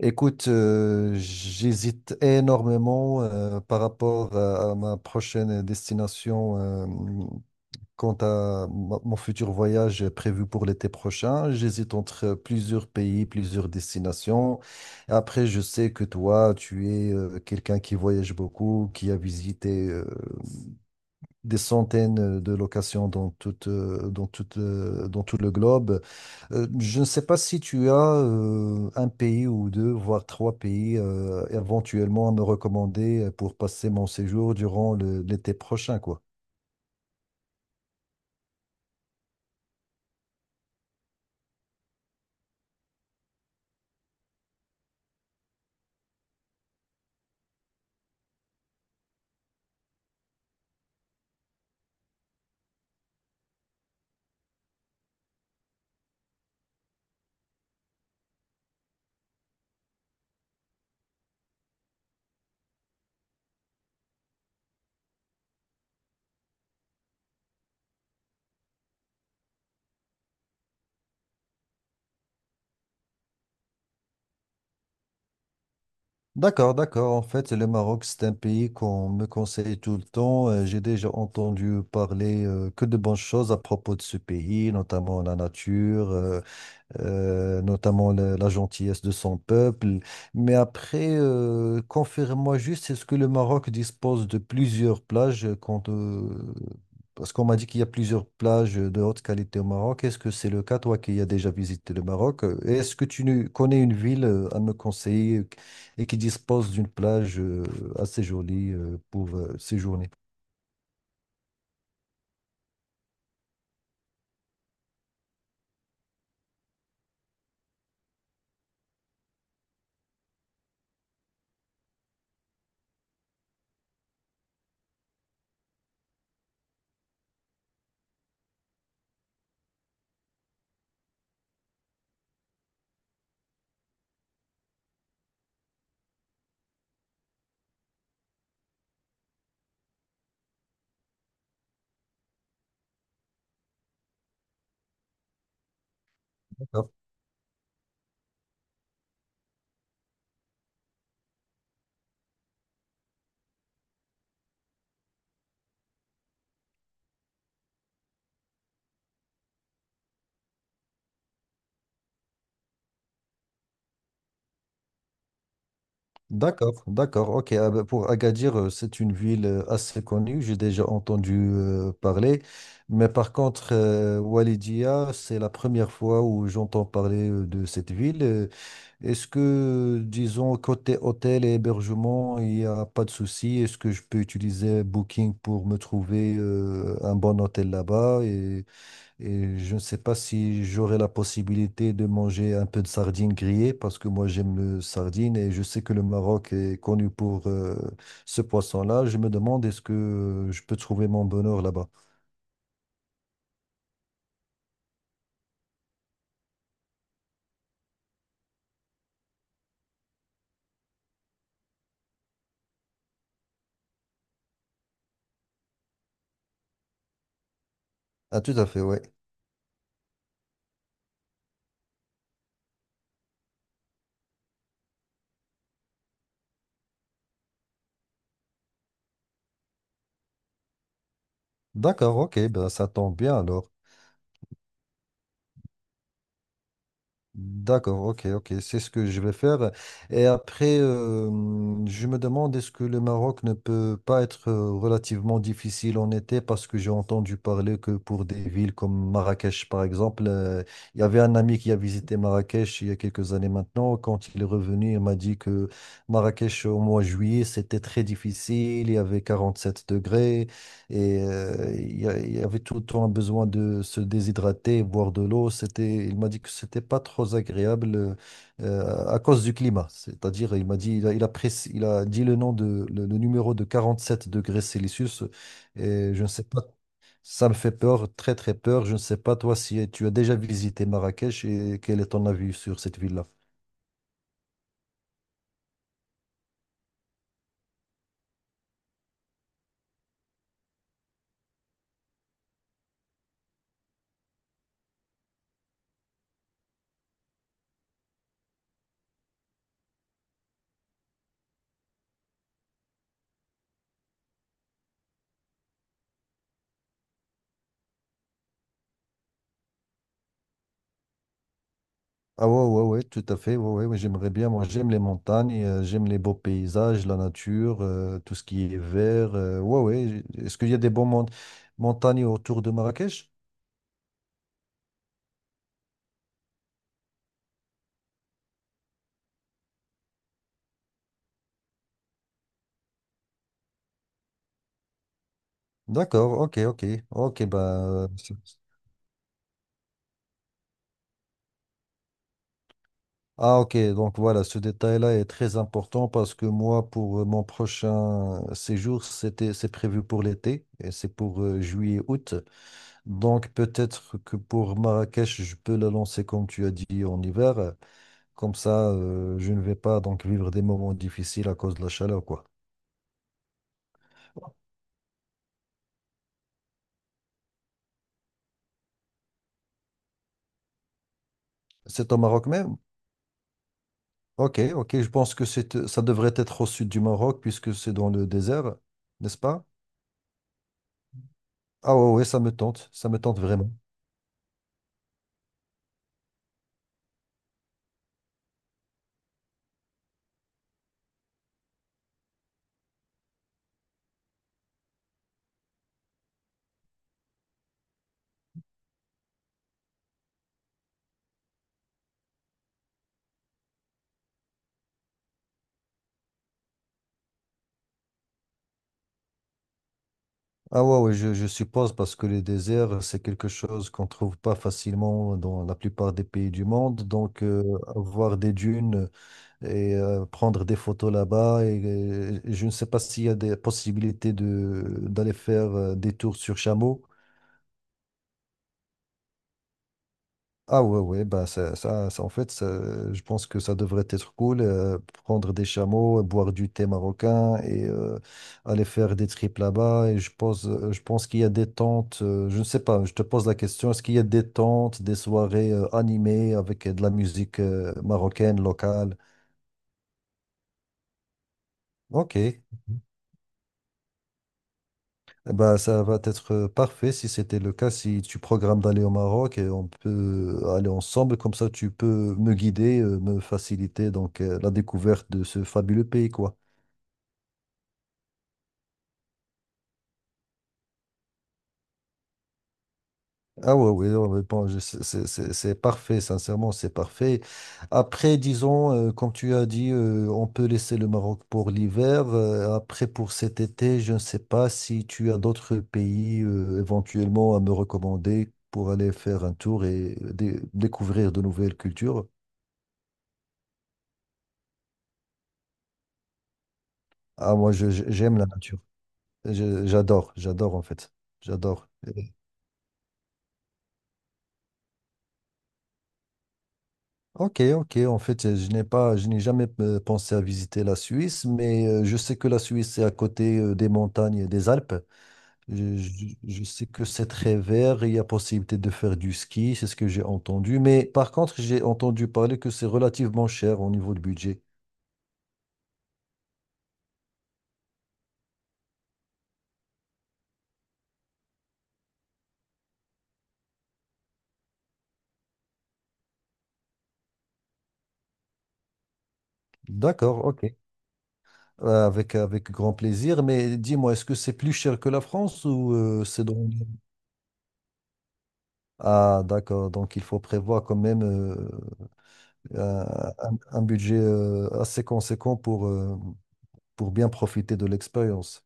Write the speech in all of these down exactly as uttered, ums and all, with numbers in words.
Écoute, euh, j'hésite énormément euh, par rapport à, à ma prochaine destination euh, quant à ma- mon futur voyage prévu pour l'été prochain. J'hésite entre plusieurs pays, plusieurs destinations. Après, je sais que toi, tu es euh, quelqu'un qui voyage beaucoup, qui a visité euh, des centaines euh, de locations dans toute, euh, dans toute, euh, dans tout le globe. Euh, je ne sais pas si tu as euh, un pays ou deux, voire trois pays euh, éventuellement à me recommander euh, pour passer mon séjour durant le- l'été prochain, quoi. D'accord, d'accord. En fait, le Maroc, c'est un pays qu'on me conseille tout le temps. Euh, J'ai déjà entendu parler euh, que de bonnes choses à propos de ce pays, notamment la nature, euh, euh, notamment la, la gentillesse de son peuple. Mais après, euh, confirme-moi juste, est-ce que le Maroc dispose de plusieurs plages quand, euh, parce qu'on m'a dit qu'il y a plusieurs plages de haute qualité au Maroc. Est-ce que c'est le cas, toi qui as déjà visité le Maroc? Euh, Est-ce que tu ne- connais une ville euh, à me conseiller euh, et qui dispose d'une plage euh, assez jolie euh, pour euh, séjourner? D'accord, d'accord. Ok, ah ben, pour Agadir, euh, c'est une ville euh, assez connue, j'ai déjà entendu euh, parler. Mais par contre, euh, Walidia, c'est la première fois où j'entends parler euh, de cette ville. Euh, Est-ce que, disons, côté hôtel et hébergement, il n'y a pas de souci? Est-ce que je peux utiliser Booking pour me trouver euh, un bon hôtel là-bas? Et je ne sais pas si j'aurai la possibilité de manger un peu de sardines grillées parce que moi j'aime le sardine et je sais que le Maroc est connu pour euh, ce poisson-là. Je me demande est-ce que euh, je peux trouver mon bonheur là-bas. Ah, tout à fait, oui. D'accord, ok, ben, ça tombe bien alors. D'accord, ok, ok, c'est ce que je vais faire. Et après, euh, je me demande est-ce que le Maroc ne peut pas être euh, relativement difficile en été parce que j'ai entendu parler que pour des villes comme Marrakech, par exemple, euh, il y avait un ami qui a visité Marrakech il y a quelques années maintenant. Quand il est revenu, il m'a dit que Marrakech au mois de juillet, c'était très difficile, il y avait quarante-sept degrés. Et euh, il y, a- il y avait tout le temps un besoin de se déshydrater, boire de l'eau. C'était, il m'a dit que c'était pas trop agréable euh, euh, à cause du climat. C'est-à-dire, il m'a dit, il a, il a précis- il a dit le nom de, le, le numéro de quarante-sept degrés Celsius degrés Celsius. Et je ne sais pas, ça me fait peur, très très peur. Je ne sais pas toi si tu as déjà visité Marrakech et quel est ton avis sur cette ville-là. Ah ouais, ouais, ouais, tout à fait. Ouais, ouais, ouais, j'aimerais bien. Moi, j'aime les montagnes, euh, j'aime les beaux paysages, la nature, euh, tout ce qui est vert. Euh, ouais, ouais. j'ai- Est-ce qu'il y a des bons mon- montagnes autour de Marrakech? D'accord, ok, ok. Ok, ben. euh, c'est- Ah, ok, donc voilà, ce détail-là est très important parce que moi, pour euh, mon prochain séjour, c'était, c'est prévu pour l'été et c'est pour euh, juillet-août. Donc, peut-être que pour Marrakech, je peux la lancer, comme tu as dit, en hiver. Comme ça, euh, je ne vais pas donc vivre des moments difficiles à cause de la chaleur, quoi. C'est au Maroc même? Ok, ok, je pense que c'est, ça devrait être au sud du Maroc puisque c'est dans le désert, n'est-ce pas? Ah ouais, ouais, ça me tente, ça me tente vraiment. Ah ouais, ouais, je, je suppose parce que les déserts, c'est quelque chose qu'on trouve pas facilement dans la plupart des pays du monde. Donc, euh, voir des dunes et euh, prendre des photos là-bas, et, et je ne sais pas s'il y a des possibilités de, d'aller faire euh, des tours sur chameau. Ah ouais, ouais, bah ça, ça, ça, en fait, ça- je pense que ça devrait être cool, euh, prendre des chameaux, boire du thé marocain et euh, aller faire des trips là-bas. Et je pose, euh, je pense qu'il y a des tentes, euh, je ne sais pas, je te pose la question, est-ce qu'il y a des tentes, des soirées euh, animées avec euh, de la musique euh, marocaine locale? Ok. Bah, ça va être euh, parfait si c'était le cas, si tu programmes d'aller au Maroc et on peut aller ensemble, comme ça tu peux me guider, euh, me faciliter donc euh, la découverte de ce fabuleux pays, quoi. Ah ouais, oui, ouais, ouais, bon, je- c'est c'est- c'est- c'est parfait, sincèrement, c'est parfait. Après, disons, euh, comme tu as dit, euh, on peut laisser le Maroc pour l'hiver. Euh, après, pour cet été, je ne sais pas si tu as d'autres pays euh, éventuellement à me recommander pour aller faire un tour et dé- découvrir de nouvelles cultures. Ah, moi, je- je- j'aime la nature. Je- J'adore, j'adore en fait. J'adore. Ok, ok. En fait, euh, je n'ai pas, je n'ai jamais euh, pensé à visiter la Suisse, mais euh, je sais que la Suisse est à côté euh, des montagnes et des Alpes. Je, je- je sais que c'est très vert, il y a possibilité de faire du ski, c'est ce que j'ai entendu. Mais par contre, j'ai entendu parler que c'est relativement cher au niveau du budget. D'accord, ok. Euh, Avec, avec grand plaisir. Mais dis-moi, est-ce que c'est plus cher que la France ou euh, c'est dans. Ah, d'accord. Donc, il faut prévoir quand même. euh, euh, un, un budget euh, assez conséquent pour, euh, pour bien profiter de l'expérience.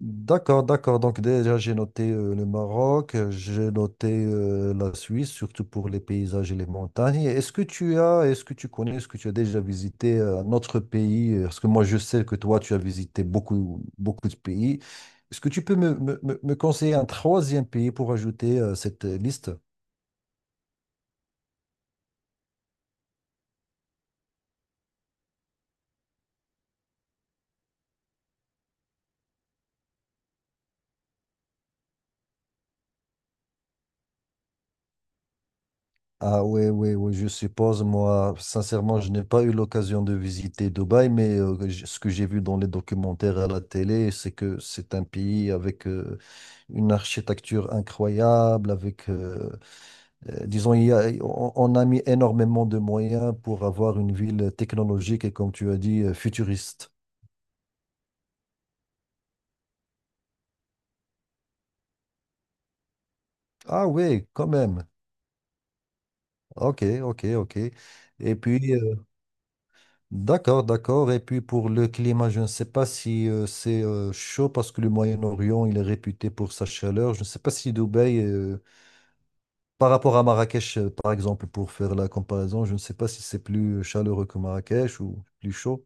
D'accord, d'accord. Donc déjà, j'ai noté euh, le Maroc, euh, j'ai noté euh, la Suisse, surtout pour les paysages et les montagnes. Et Est-ce que tu as, est-ce que tu connais, est-ce que tu as déjà visité euh, un autre pays? Parce que moi, je sais que toi, tu as visité beaucoup, beaucoup de pays. Est-ce que tu peux me, me- me- me conseiller un troisième pays pour ajouter euh, cette liste? Ah oui, oui, oui, je suppose, moi, sincèrement, je n'ai pas eu l'occasion de visiter Dubaï, mais euh, j- ce que j'ai vu dans les documentaires à la télé, c'est que c'est un pays avec euh, une architecture incroyable, avec, euh, euh, disons, il y a- on, on a mis énormément de moyens pour avoir une ville technologique et, comme tu as dit, euh, futuriste. Ah oui, quand même. Ok, ok, ok. Et puis, euh, D'accord, d'accord. Et puis pour le climat, je ne sais pas si euh, c'est euh, chaud parce que le Moyen-Orient, il est réputé pour sa chaleur. Je ne sais pas si Dubaï, euh, par rapport à Marrakech, euh, par exemple, pour faire la comparaison, je ne sais pas si c'est plus euh, chaleureux que Marrakech ou plus chaud.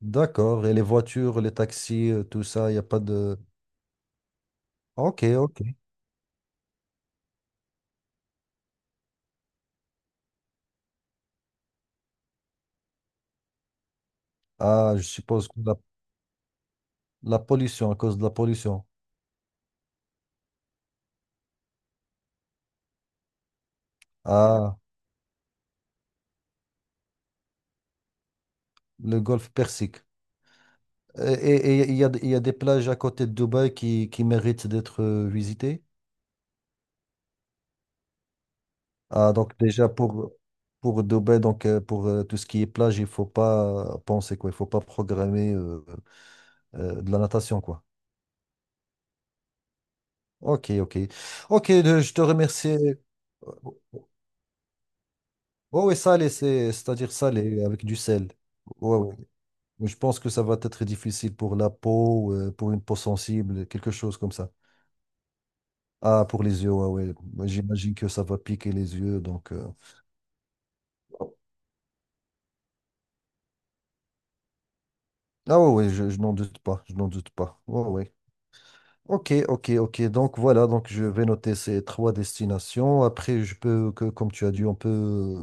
D'accord. Et les voitures, les taxis, euh, tout ça, il n'y a pas de. Ok, ok. Ah, je suppose que la, la pollution, à cause de la pollution. Ah, le golfe Persique. Et et- et il y a, il y a des plages à côté de Dubaï qui, qui méritent d'être euh, visitées? Ah, donc déjà pour, pour Dubaï, donc euh, pour euh, tout ce qui est plage, il faut pas penser quoi, il faut pas programmer euh, euh, de la natation quoi. Ok, ok. Ok, de- je te remercie. Oh oui, salé, c'est, c'est-à-dire salé avec du sel. Ouais, ouais. Mais je pense que ça va être difficile pour la peau, euh, pour une peau sensible, quelque chose comme ça. Ah, pour les yeux, ouais, ouais. Moi, j'imagine que ça va piquer les yeux, donc. euh, Ah ouais, ouais, je, je n'en doute pas, je n'en doute pas. Ouais, ouais. Ok, ok, ok. Donc voilà, donc je vais noter ces trois destinations. Après, je peux, que, comme tu as dit, on peut euh,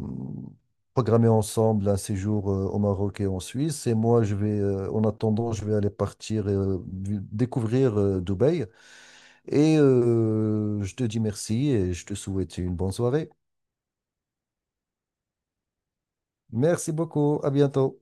programmer ensemble un séjour euh, au Maroc et en Suisse. Et moi, je vais, euh, en attendant, je vais aller partir euh, vi- découvrir euh, Dubaï. Et euh, je te dis merci et je te souhaite une bonne soirée. Merci beaucoup. À bientôt.